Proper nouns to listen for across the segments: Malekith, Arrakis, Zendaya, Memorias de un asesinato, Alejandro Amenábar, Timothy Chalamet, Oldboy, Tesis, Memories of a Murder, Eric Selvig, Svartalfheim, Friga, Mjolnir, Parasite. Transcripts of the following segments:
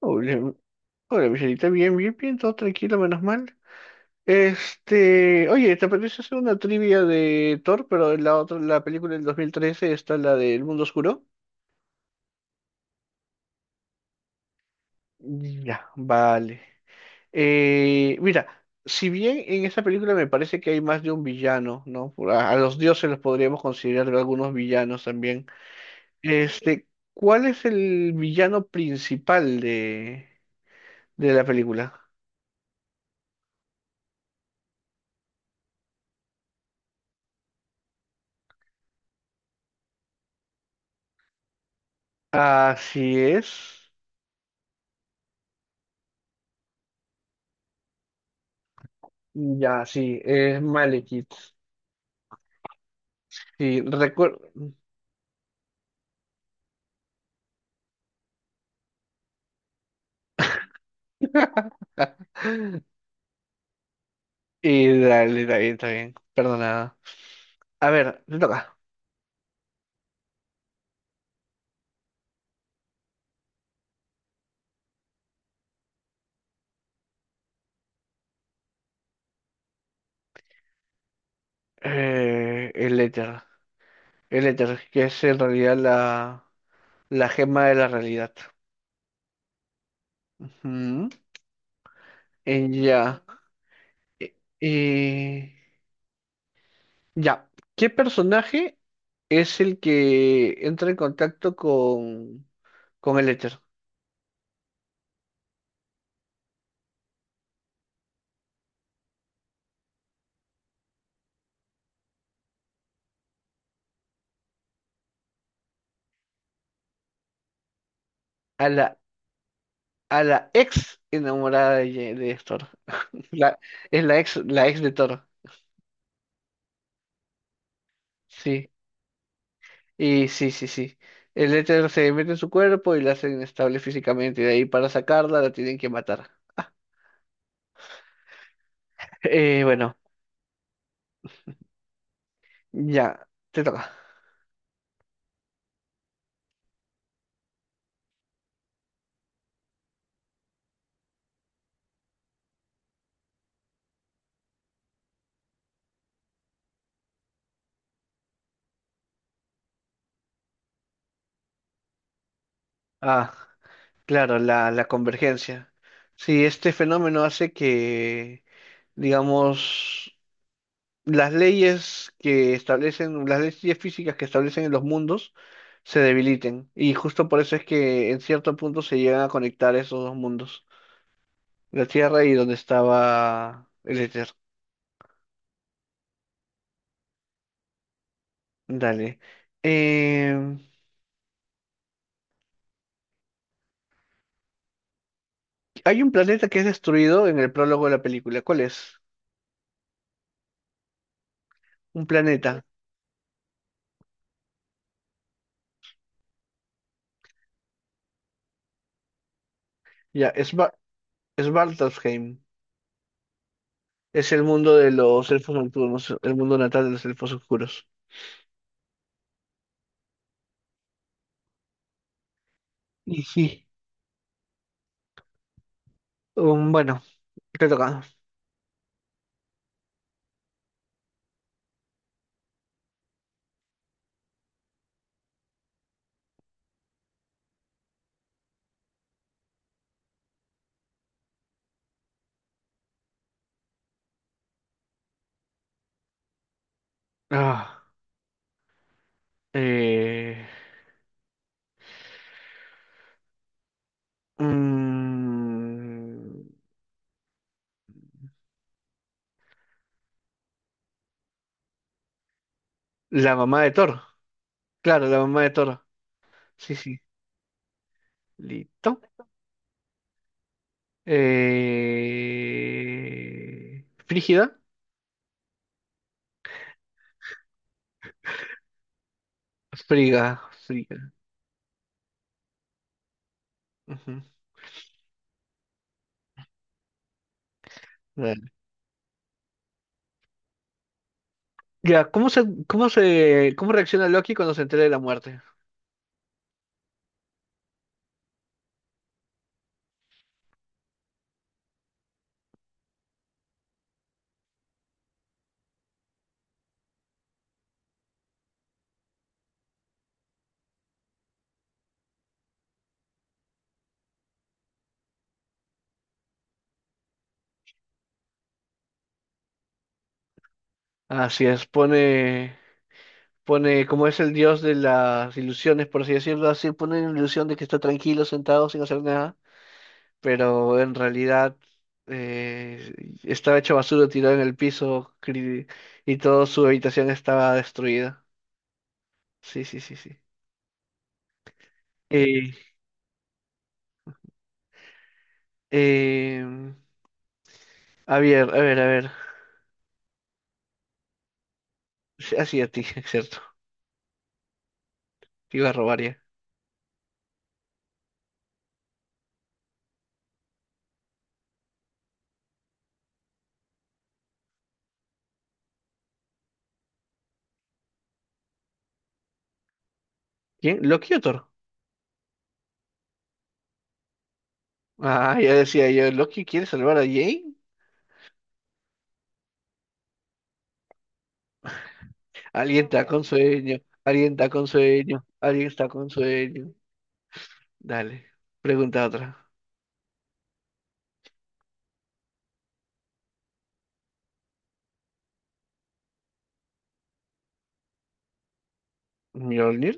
Hola, hola, Michelita, bien, bien, bien, todo tranquilo, menos mal. Oye, ¿te apetece hacer una trivia de Thor, pero en la película del 2013 está la de El Mundo Oscuro? Ya, vale. Mira, si bien en esta película me parece que hay más de un villano, ¿no? A los dioses los podríamos considerar algunos villanos también. Este, ¿Cuál es el villano principal de la película? Así es. Ya, sí, es Malekith. Sí, recuerdo. Y dale, dale, está bien. Perdonada. A ver, te toca. El éter. El éter, que es en realidad la gema de la realidad. Ujú. Ya. Eh, eh, ya. ¿Qué personaje es el que entra en contacto con el éter? A la, a la ex enamorada de Héctor. La, es la ex de Toro sí. Y sí, sí, sí. El éter se mete en su cuerpo y la hace inestable físicamente. Y de ahí para sacarla la tienen que matar. Bueno, ya, te toca. Ah, claro, la convergencia. Sí, este fenómeno hace que, digamos, las leyes que establecen, las leyes físicas que establecen en los mundos se debiliten. Y justo por eso es que en cierto punto se llegan a conectar esos dos mundos. La Tierra y donde estaba el éter. Dale. Em, Hay un planeta que es destruido en el prólogo de la película. ¿Cuál es? Un planeta. Ya, es Svartalfheim. Es el mundo de los elfos nocturnos, el mundo natal de los elfos oscuros. Y sí. Bueno, te toca. Ah, eh, mm, la mamá de Thor. Claro, la mamá de Thor. Sí, sí. Listo. ¿Frígida? Friga, friga. Ujú. Vale. Ya, ¿cómo reacciona Loki cuando se entera de la muerte? Así es, pone, como es el dios de las ilusiones, por así decirlo, así pone la ilusión de que está tranquilo, sentado, sin hacer nada, pero en realidad eh, estaba hecho basura, tirado en el piso y toda su habitación estaba destruida. Sí, sí, sí, sí. Eh, em, A ver, a ver, a ver. Sí, así a ti, cierto. Te iba a robar ya. ¿Quién? ¿Loki o Thor? Ah, ya decía yo, ¿Loki quiere salvar a Jane? Alguien está con sueño, alguien está con sueño, alguien está con sueño. Dale, pregunta otra. ¿Mjolnir?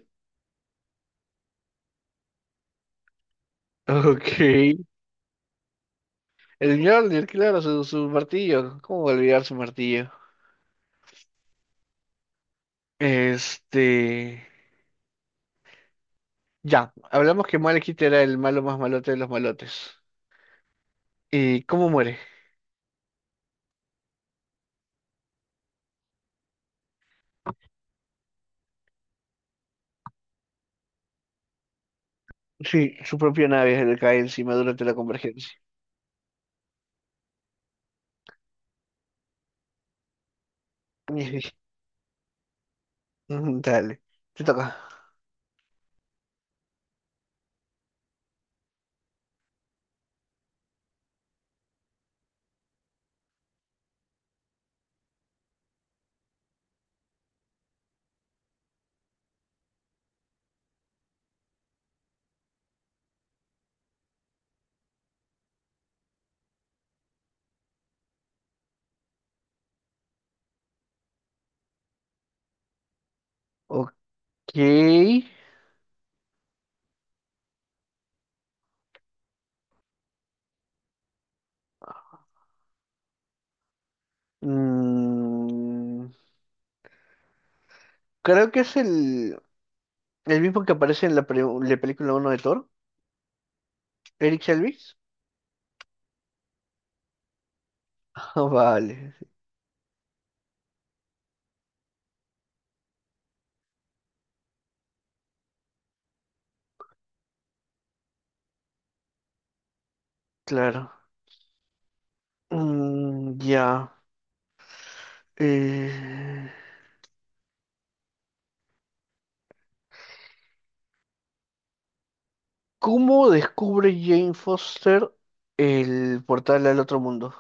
Ok. El Mjolnir, claro, su martillo. ¿Cómo olvidar su martillo? Este... Ya, hablamos que Malekith era el malo más malote de los malotes. ¿Y cómo muere? Sí, su propia nave le cae encima durante la convergencia. Dale, te toca. Ok. Mm, creo que es el mismo que aparece en la película 1 de Thor, Eric Selvig. Ah, vale, claro. Mm, ya. Eh, ¿Cómo descubre Jane Foster el portal al otro mundo?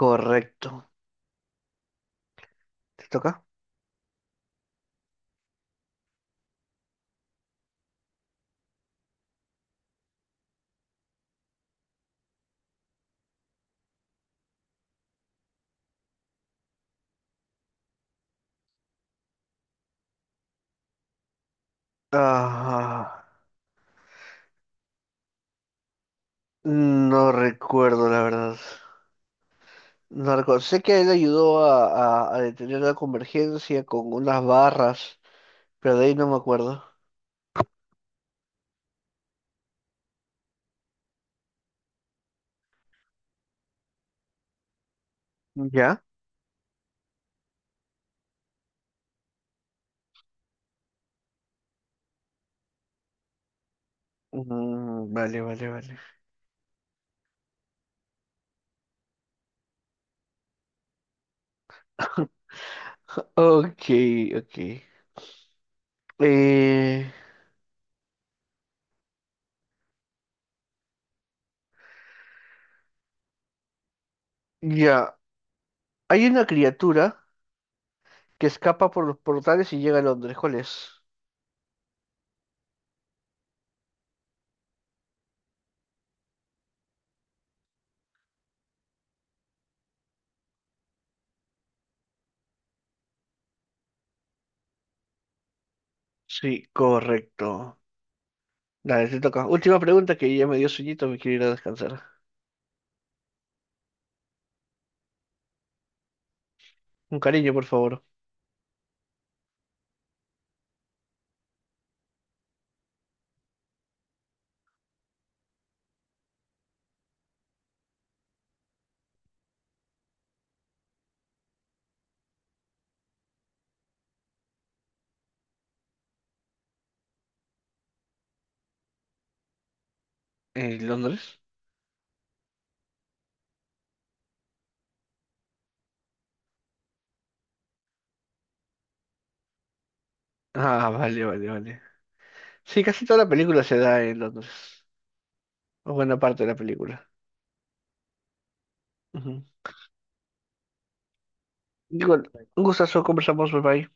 Correcto. ¿Te toca? Ah, no recuerdo, la verdad. No recuerdo. Sé que él ayudó a detener la convergencia con unas barras, pero de ahí no me acuerdo. ¿Ya? Mm, vale, vale, vale. Ok, ok. Eh, ya. Hay una criatura que escapa por los portales y llega a Londres. ¿Cuál es? Sí, correcto. Dale, te toca. Última pregunta que ya me dio sueñito, me quiero ir a descansar. Un cariño, por favor. ¿En Londres? Ah, vale, vale, vale. Sí, casi toda la película se da en Londres. O buena parte de la película. Ujú. Digo, un gustazo, conversamos, bye bye.